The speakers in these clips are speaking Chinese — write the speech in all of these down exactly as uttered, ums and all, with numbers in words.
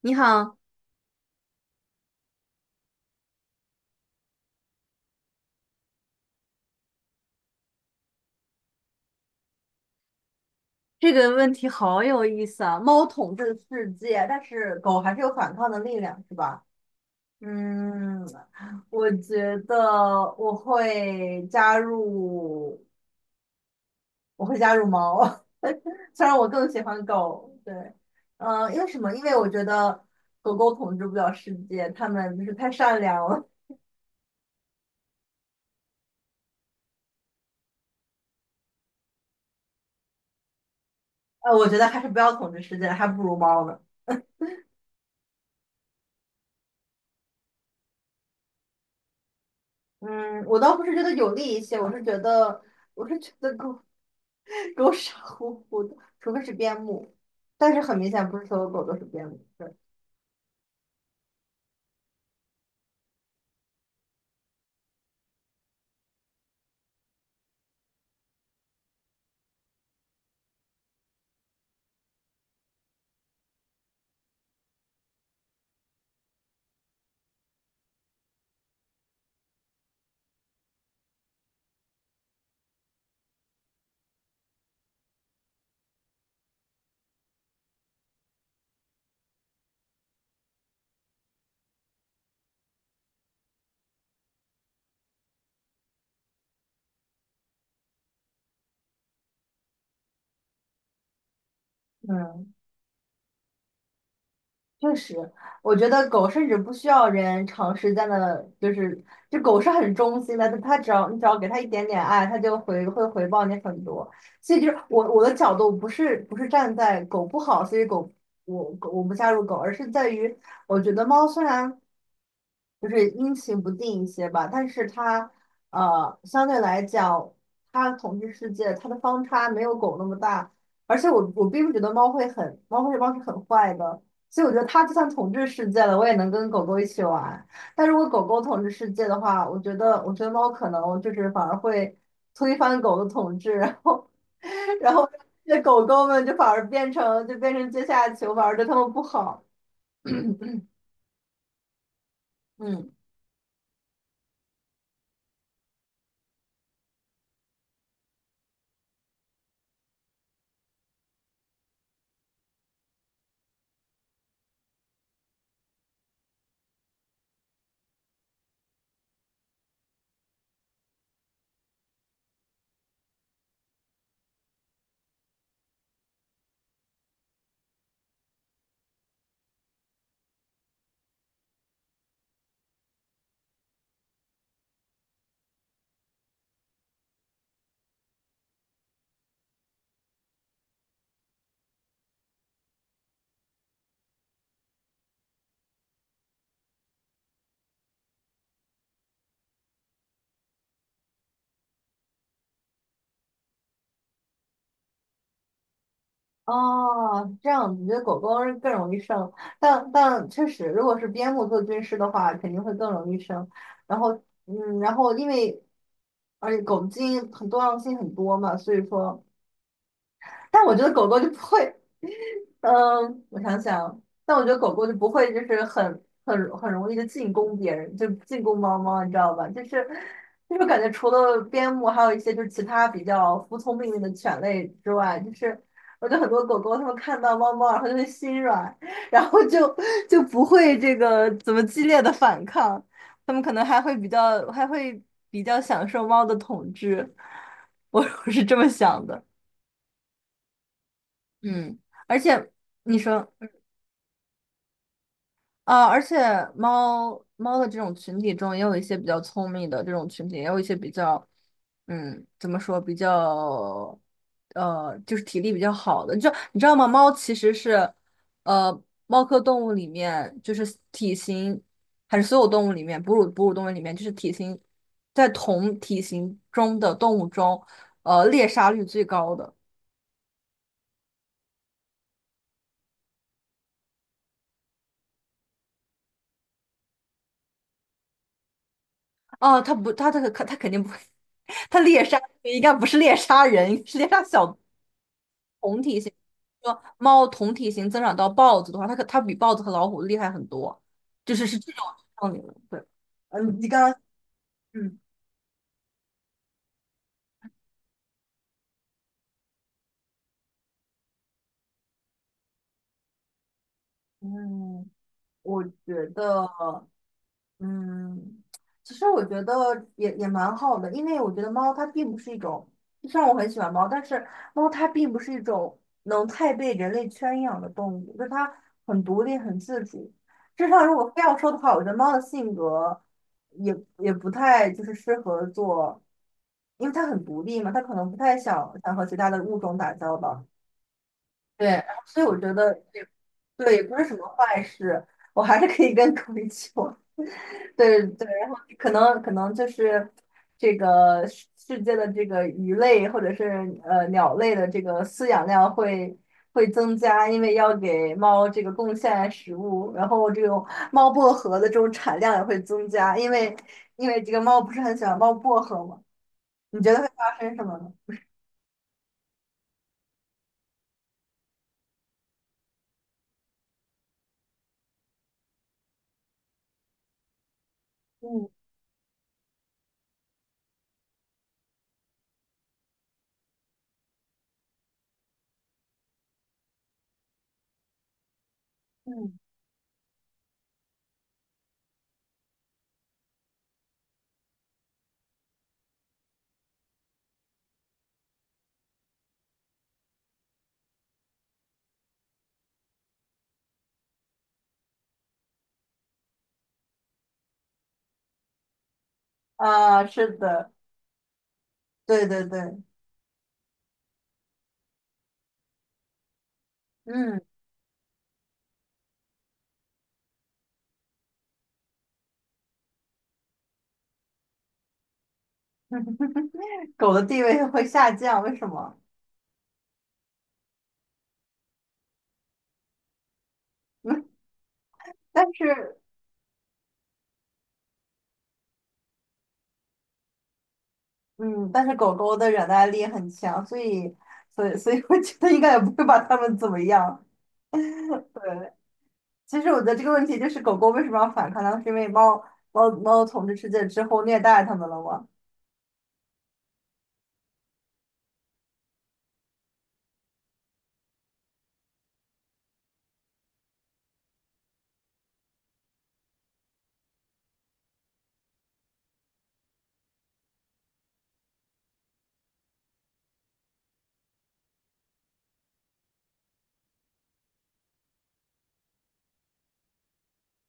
你好，这个问题好有意思啊！猫统治世界，但是狗还是有反抗的力量，是吧？嗯，我觉得我会加入，我会加入猫，虽然我更喜欢狗。对，嗯、因为什么？因为我觉得狗狗统治不了世界，它们就是太善良了。呃，我觉得还是不要统治世界，还不如猫呢。嗯，我倒不是觉得有利一些，我是觉得，我是觉得狗。狗傻乎乎的，除非是边牧，但是很明显不是所有狗都是边牧。对。嗯。确实，我觉得狗甚至不需要人长时间的，就是这狗是很忠心的，它它只要你只要给它一点点爱，它就回会回报你很多。所以就是我我的角度不是不是站在狗不好，所以狗我狗我不加入狗，而是在于我觉得猫虽然就是阴晴不定一些吧，但是它呃相对来讲，它统治世界它的方差没有狗那么大，而且我我并不觉得猫会很猫会猫是很坏的。所以我觉得它就算统治世界了，我也能跟狗狗一起玩。但如果狗狗统治世界的话，我觉得，我觉得猫可能就是反而会推翻狗的统治，然后，然后那狗狗们就反而变成就变成阶下囚，反而对它们不好。嗯。哦，这样你觉得狗狗是更容易生，但但确实，如果是边牧做军师的话，肯定会更容易生。然后，嗯，然后因为而且狗的基因很多样性很多嘛，所以说。但我觉得狗狗就不会，嗯，我想想，但我觉得狗狗就不会，就是很很很容易的进攻别人，就进攻猫猫，你知道吧？就是就是感觉除了边牧，还有一些就是其他比较服从命令的犬类之外，就是我觉得很多狗狗它们看到猫猫，然后就会心软，然后就就不会这个怎么激烈的反抗，它们可能还会比较还会比较享受猫的统治，我我是这么想的。嗯，而且你说，啊，而且猫猫的这种群体中，也有一些比较聪明的这种群体，也有一些比较，嗯，怎么说，比较，呃，就是体力比较好的。就你知道吗？猫其实是，呃，猫科动物里面，就是体型，还是所有动物里面，哺乳哺乳动物里面，就是体型在同体型中的动物中，呃，猎杀率最高的。哦，他不，他他他他肯定不会，他猎杀应该不是猎杀人，是猎杀小同体型。说猫同体型增长到豹子的话，它可它比豹子和老虎厉害很多，就是是这种道理了对，嗯，你刚刚，嗯。嗯，我觉得。嗯，其实我觉得也也蛮好的，因为我觉得猫它并不是一种，虽然我很喜欢猫，但是猫它并不是一种能太被人类圈养的动物，就是它很独立、很自主。至少如果非要说的话，我觉得猫的性格也也不太就是适合做，因为它很独立嘛，它可能不太想想和其他的物种打交道。对，然后所以我觉得也对，也不是什么坏事，我还是可以跟狗一起玩。对对，然后可能可能就是这个世世界的这个鱼类或者是呃鸟类的这个饲养量会会增加，因为要给猫这个贡献食物，然后这种猫薄荷的这种产量也会增加，因为因为这个猫不是很喜欢猫薄荷嘛，你觉得会发生什么呢？嗯。嗯，啊，是的，对对对。嗯。狗的地位会下降，为什么？但是嗯，但是狗狗的忍耐力很强，所以，所以，所以我觉得应该也不会把它们怎么样。对，其实我觉得这个问题就是狗狗为什么要反抗呢？是因为猫猫猫统治世界之后虐待它们了吗？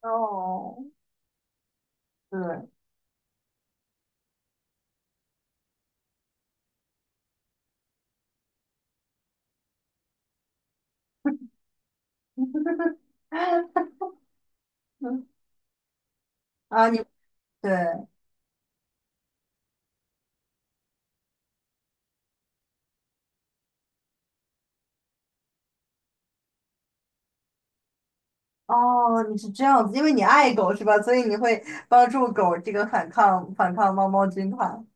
哦，对，嗯啊，你对哦，你是这样子，因为你爱狗是吧？所以你会帮助狗这个反抗反抗猫猫军团。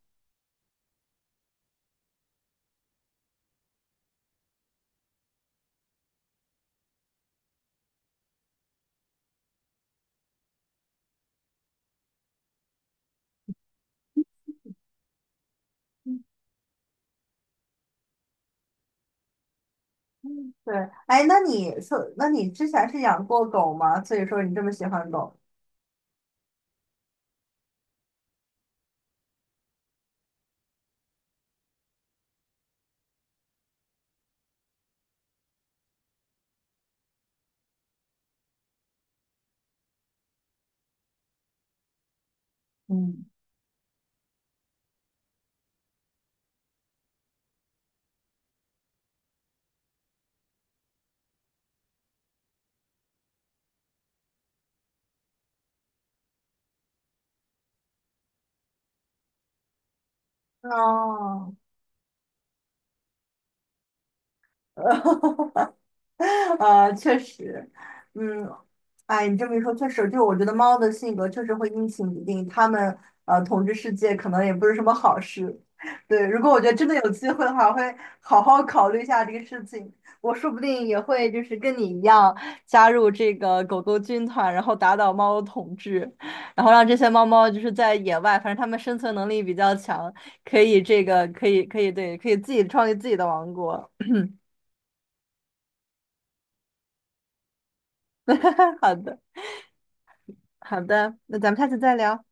嗯。嗯对，哎，那你说，那你之前是养过狗吗？所以说你这么喜欢狗。嗯，哦，呃，哈哈哈呃确实，嗯，哎，你这么一说，确实，就我觉得猫的性格确实会阴晴不定，它们呃统治世界可能也不是什么好事。对，如果我觉得真的有机会的话，我会好好考虑一下这个事情。我说不定也会就是跟你一样加入这个狗狗军团，然后打倒猫统治，然后让这些猫猫就是在野外，反正它们生存能力比较强，可以这个可以可以对，可以自己创立自己的王国。好的，好的，那咱们下次再聊。